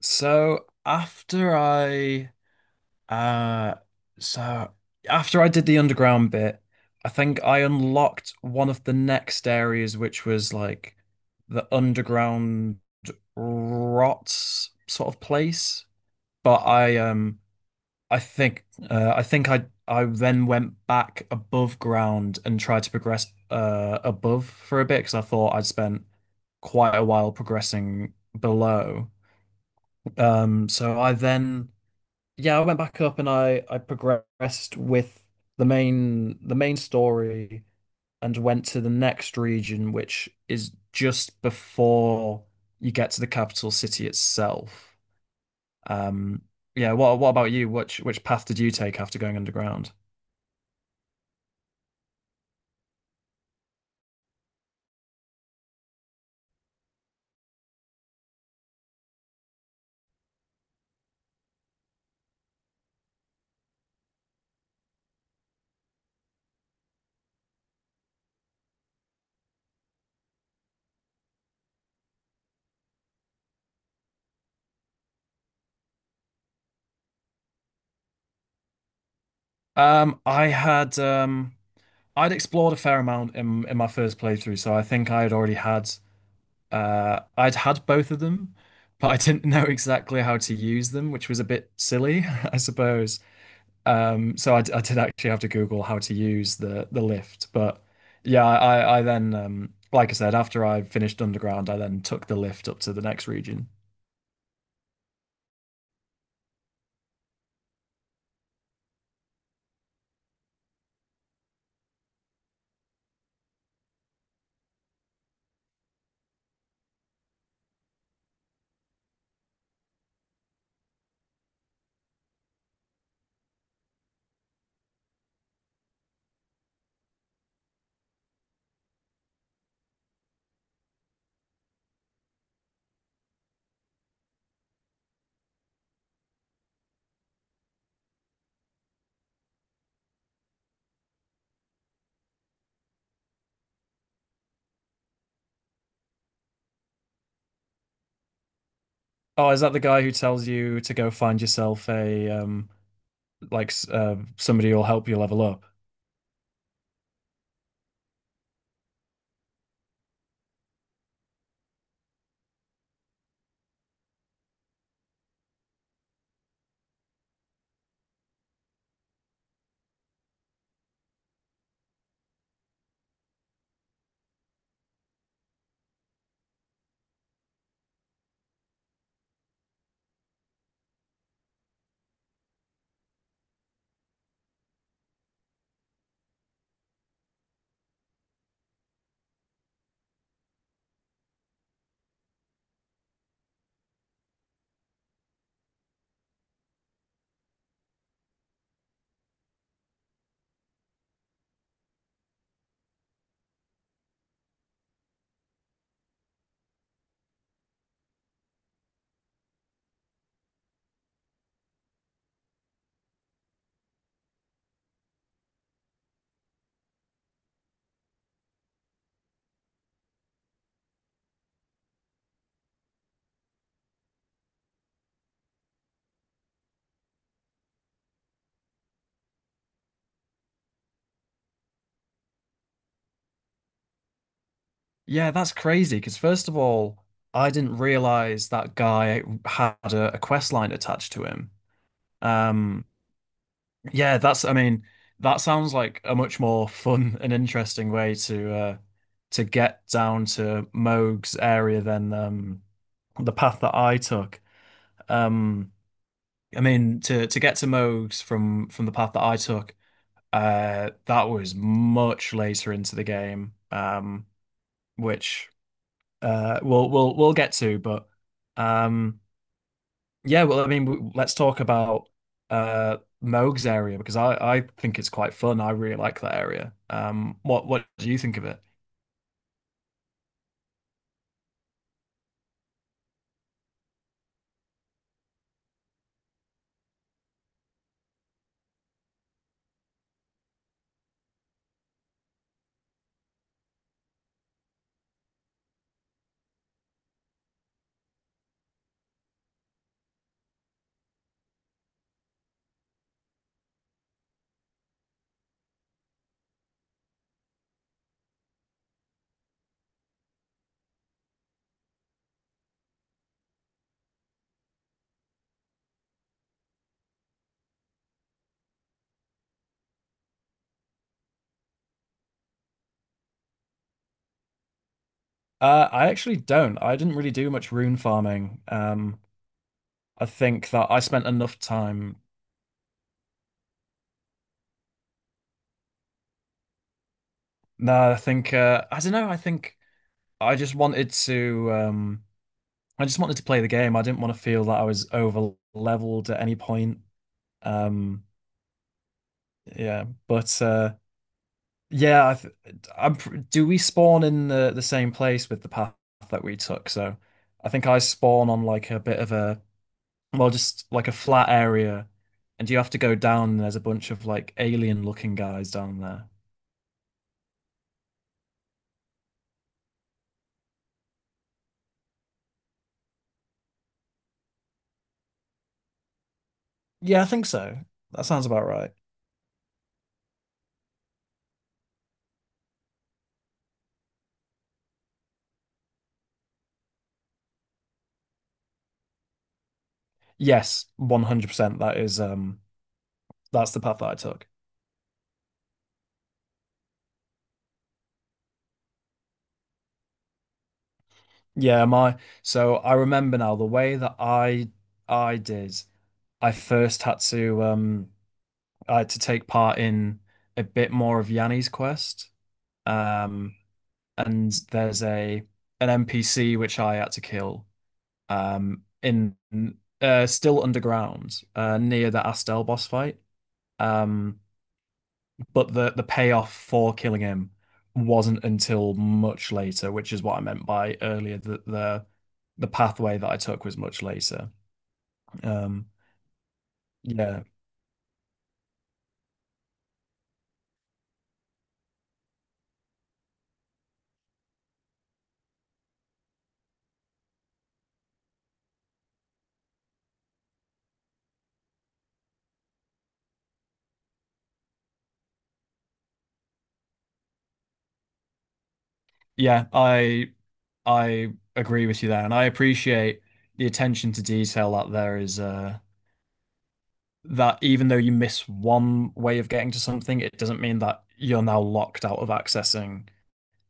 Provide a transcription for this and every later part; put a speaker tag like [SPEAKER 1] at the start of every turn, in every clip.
[SPEAKER 1] So uh so after I did the underground bit, I think I unlocked one of the next areas which was like the underground rot sort of place. But I think I then went back above ground and tried to progress above for a bit because I thought I'd spent quite a while progressing below. So I then yeah, I went back up and I progressed with the main story and went to the next region, which is just before you get to the capital city itself. Um, yeah, what about you? Which path did you take after going underground? I had I'd explored a fair amount in my first playthrough, so I think I had already had I'd had both of them, but I didn't know exactly how to use them, which was a bit silly, I suppose. I did actually have to Google how to use the lift, but yeah, I then like I said, after I finished Underground, I then took the lift up to the next region. Oh, is that the guy who tells you to go find yourself a somebody who'll help you level up? Yeah, that's crazy. Because first of all, I didn't realize that guy had a quest line attached to him. Um, yeah, that's. I mean, that sounds like a much more fun and interesting way to get down to Moog's area than the path that I took. Um, I mean, to get to Moog's from the path that I took, that was much later into the game. Which. We'll get to, but um yeah, well I mean let's talk about uh Moog's area because I think it's quite fun. I really like that area. What do you think of it? Uh, I actually don't. I didn't really do much rune farming. I think that I spent enough time. No, I think I don't know. I think I just wanted to I just wanted to play the game. I didn't want to feel that I was over leveled at any point. Um yeah, but yeah, Do we spawn in the same place with the path that we took? So, I think I spawn on like a bit of a well, just like a flat area, and you have to go down. And there's a bunch of like alien looking guys down there. Yeah, I think so. That sounds about right. Yes, 100%. That is that's the path that I took. Yeah, my so I remember now the way that I did. I first had to take part in a bit more of Yanni's quest. Um, and there's a an NPC which I had to kill in still underground near the Astel boss fight. Um, but the payoff for killing him wasn't until much later, which is what I meant by earlier that the pathway that I took was much later. Um, yeah, Yeah, I agree with you there, and I appreciate the attention to detail that there is that even though you miss one way of getting to something, it doesn't mean that you're now locked out of accessing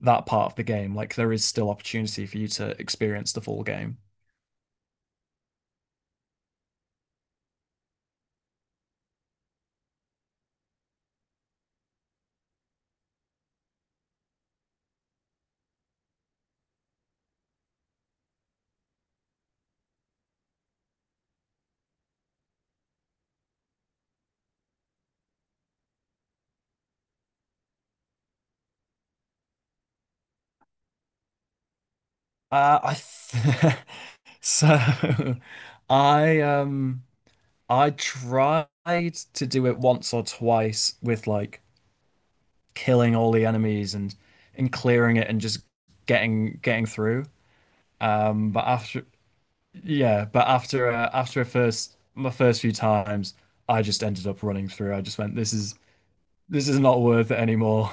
[SPEAKER 1] that part of the game. Like there is still opportunity for you to experience the full game. I th so I um I tried to do it once or twice with like killing all the enemies and clearing it and just getting through. But after Yeah, but after after a first my first few times, I just ended up running through. I just went, this is not worth it anymore.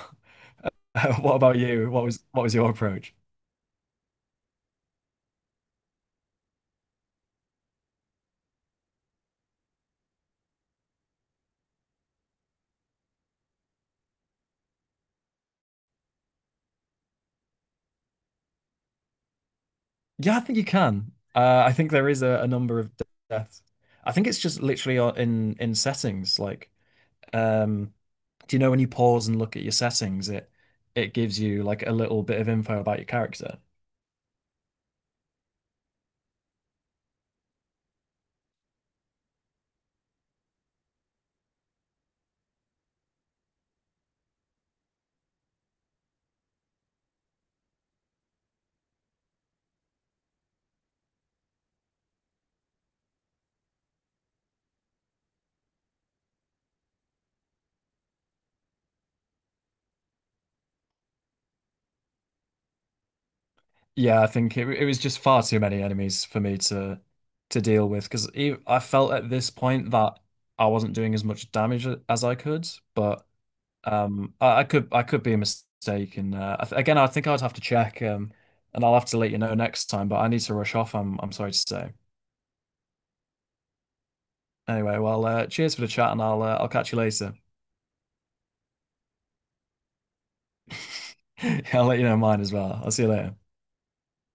[SPEAKER 1] What about you? What was your approach? Yeah, I think you can. I think there is a number of deaths. I think it's just literally in settings. Like, um, do you know when you pause and look at your settings, it gives you like a little bit of info about your character. Yeah, I think it was just far too many enemies for me to deal with because I felt at this point that I wasn't doing as much damage as I could, but. I could be mistaken. I th Again, I think I'd have to check, and I'll have to let you know next time. But I need to rush off. I'm sorry to say. Anyway, well, cheers for the chat, and I'll catch you later. I'll let you know mine as well. I'll see you later.